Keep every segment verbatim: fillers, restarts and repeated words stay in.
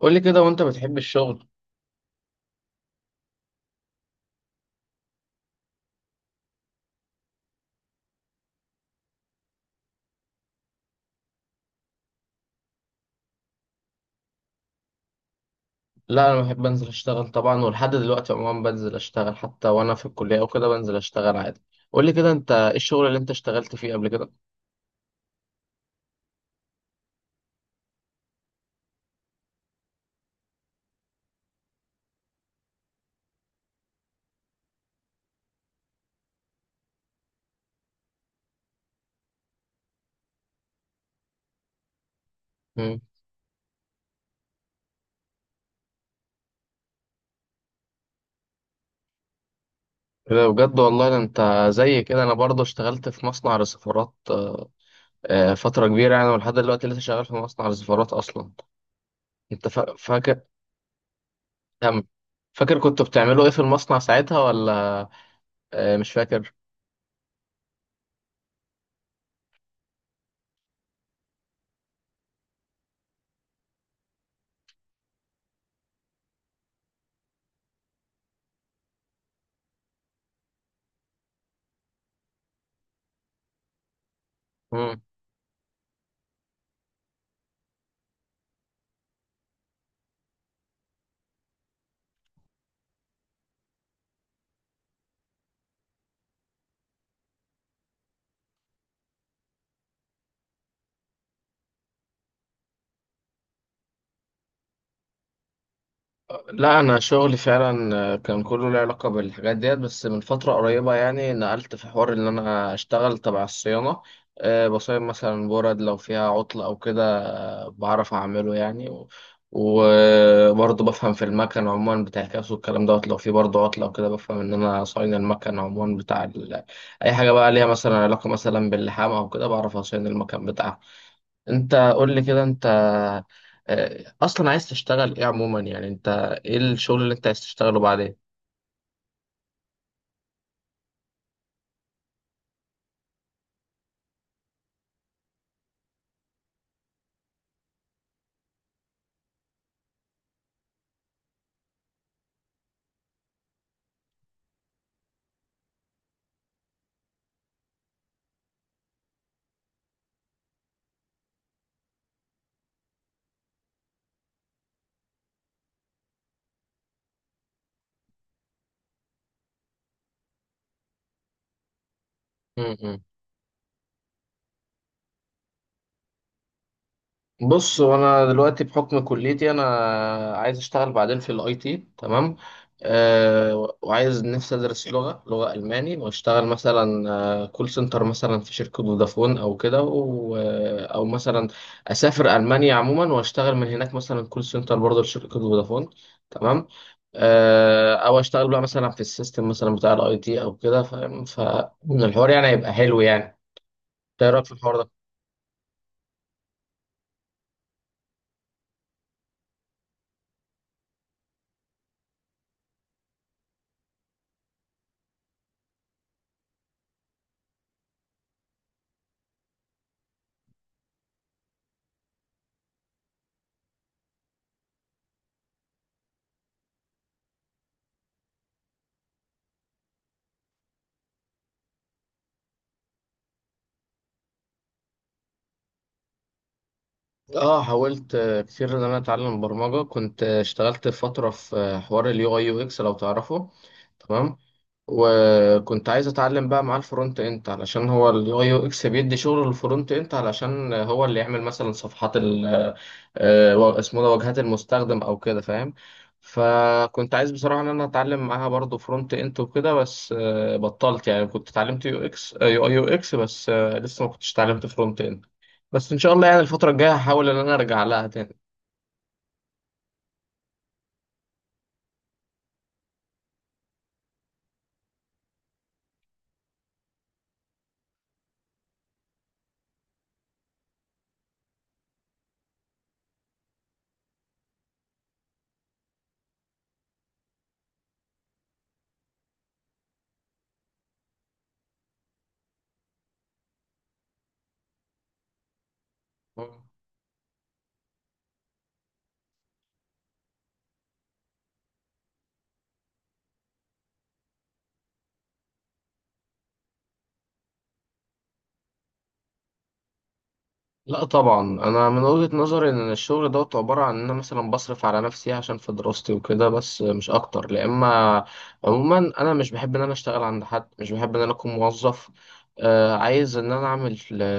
قول لي كده وانت بتحب الشغل؟ لا انا بحب انزل اشتغل طبعا، ولحد دلوقتي عموما بنزل اشتغل حتى وانا في الكليه او كده بنزل اشتغل عادي. قول لي كده انت ايه الشغل اللي انت اشتغلت فيه قبل كده؟ امم ده بجد والله، ده انت زي كده انا برضه اشتغلت في مصنع رسيفرات. آه، فتره كبيره يعني، ولحد دلوقتي لسه شغال في مصنع رسيفرات اصلا. انت فا- فاكر كم؟ فاكر كنتوا بتعملوا ايه في المصنع ساعتها ولا آه، مش فاكر؟ لا انا شغلي فعلا كان كله له علاقه بالحاجات ديت، بس من فتره قريبه يعني نقلت في حوار ان انا اشتغل تبع الصيانه. أه، بصين مثلا برد لو فيها عطل او كده أه، بعرف اعمله يعني و- وبرضه بفهم في المكن عموما بتاع الكاس والكلام دوت، لو في برضه عطل او كده بفهم ان انا صاين المكن عموما بتاع ال... اي حاجه بقى ليها مثلا علاقه مثلا باللحام او كده بعرف اصين المكن بتاعها. انت قول لي كده، انت آه، اصلا عايز تشتغل ايه عموما يعني؟ انت ايه الشغل اللي انت عايز تشتغله بعدين؟ بص، هو انا دلوقتي بحكم كليتي انا عايز اشتغل بعدين في الاي تي، تمام؟ أه، وعايز نفسي ادرس لغه، لغه الماني واشتغل مثلا آه، كول سنتر مثلا في شركه فودافون او كده و- آه، او مثلا اسافر المانيا عموما واشتغل من هناك مثلا كول سنتر برضه لشركه فودافون، تمام؟ أه، او اشتغل بقى مثلا في السيستم مثلا بتاع الاي تي او كده، فاهم؟ فالحوار يعني هيبقى حلو يعني. إنت ايه رايك في الحوار ده؟ اه، حاولت آه، كتير ان انا اتعلم برمجه. كنت آه، اشتغلت فتره في آه، حوار اليو اي يو اكس، لو تعرفه، تمام؟ وكنت عايز اتعلم بقى معاه الفرونت اند، علشان هو اليو اي يو اكس بيدي شغل الفرونت اند، علشان آه، هو اللي يعمل مثلا صفحات ال آه، آه، و- اسمه ده واجهات المستخدم او كده، فاهم؟ فكنت عايز بصراحه ان انا اتعلم معاها برضه فرونت اند وكده، بس آه، بطلت يعني. كنت اتعلمت يو اكس، آه، يو اي يو اكس، بس آه، لسه ما كنتش اتعلمت فرونت اند. بس ان شاء الله يعني الفتره الجايه هحاول ان انا ارجع لها تاني. لا طبعا، انا من وجهة نظري ان الشغل دوت عبارة عن ان انا مثلا بصرف على نفسي عشان في دراستي وكده، بس مش اكتر لا. اما عموما انا مش بحب ان انا اشتغل عند حد، مش بحب ان انا اكون موظف. آه، عايز ان انا اعمل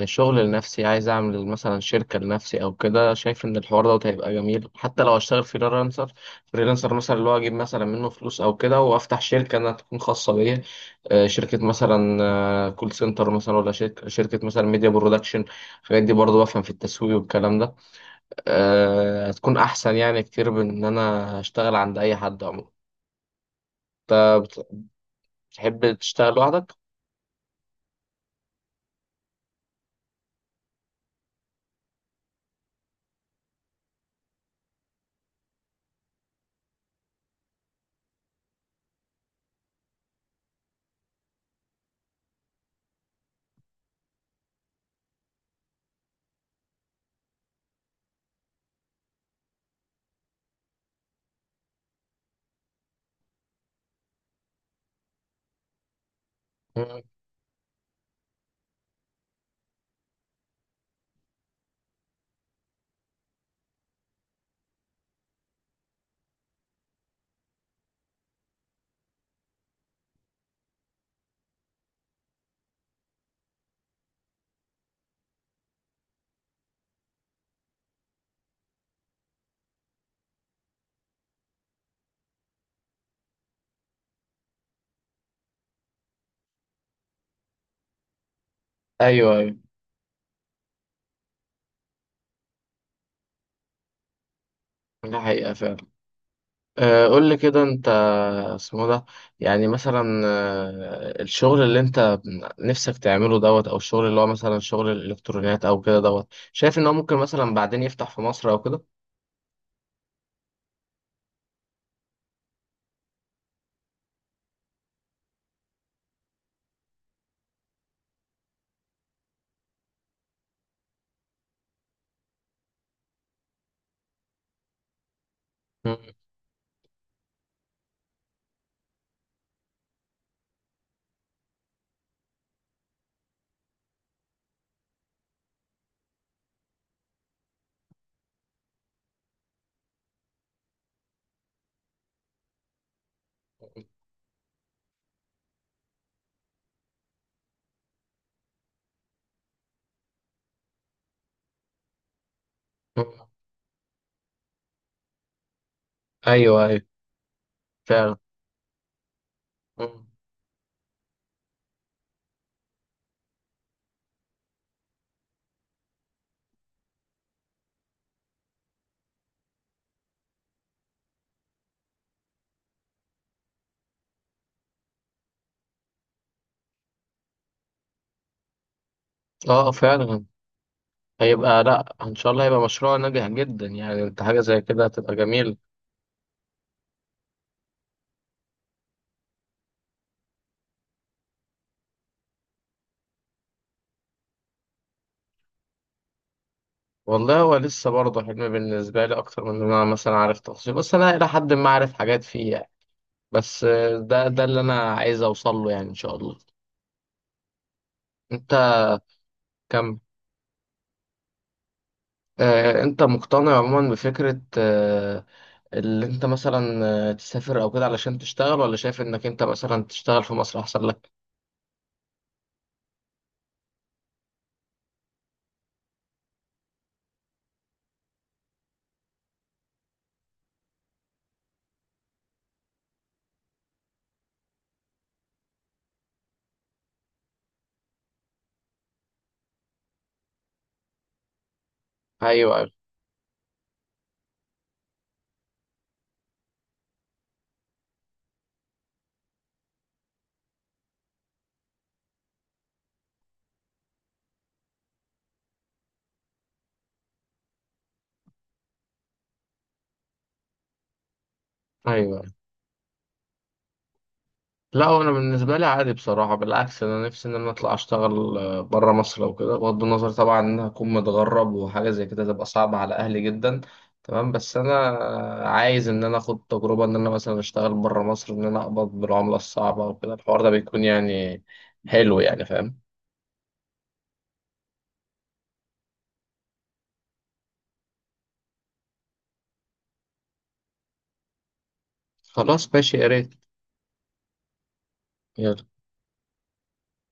شغل لنفسي، عايز اعمل مثلا شركة لنفسي او كده. شايف ان الحوار دوت هيبقى جميل حتى لو اشتغل فريلانسر. فريلانسر مثلا اللي هو اجيب مثلا منه فلوس او كده، وافتح شركة انها تكون خاصة بيا. آه، شركة مثلا آه كول سنتر مثلا، ولا شركة, شركة مثلا ميديا برودكشن. الحاجات دي برضو بفهم في التسويق والكلام ده. أه، هتكون احسن يعني كتير من ان انا اشتغل عند اي حد عموما. انت بت- بتحب تشتغل لوحدك؟ مم. ايوه ايوه، ده حقيقة فعلا. أه، قول لي كده، انت اسمه ده، يعني مثلا أه الشغل اللي انت نفسك تعمله دوت، او الشغل اللي هو مثلا شغل الالكترونيات او كده دوت، شايف ان هو ممكن مثلا بعدين يفتح في مصر او كده؟ مم. مم. ايوه ايوه. فعلا. مم. اه، فعلا هيبقى، لا ان شاء الله هيبقى مشروع ناجح جدا يعني. انت حاجه زي كده هتبقى جميل. والله هو لسه برضه حلم بالنسبه لي اكتر من ان انا مثلا عارف تفاصيل، بس انا الى حد ما عارف حاجات فيه يعني. بس آه، ده ده اللي انا عايز اوصل له يعني ان شاء الله. انت كم. آه، انت مقتنع عموما بفكره آه، اللي انت مثلا آه، تسافر او كده علشان تشتغل، ولا شايف انك انت مثلا تشتغل في مصر احسن لك؟ ايوه ايوه. لا هو انا بالنسبه لي عادي بصراحه، بالعكس انا نفسي ان انا اطلع اشتغل بره مصر او كده، بغض النظر طبعا ان انا اكون متغرب وحاجه زي كده تبقى صعبه على اهلي جدا، تمام. بس انا آه، عايز ان انا اخد تجربه ان انا مثلا اشتغل بره مصر، ان انا اقبض بالعمله الصعبه وكده. الحوار ده بيكون يعني حلو يعني، فاهم؟ خلاص ماشي، يا ريت.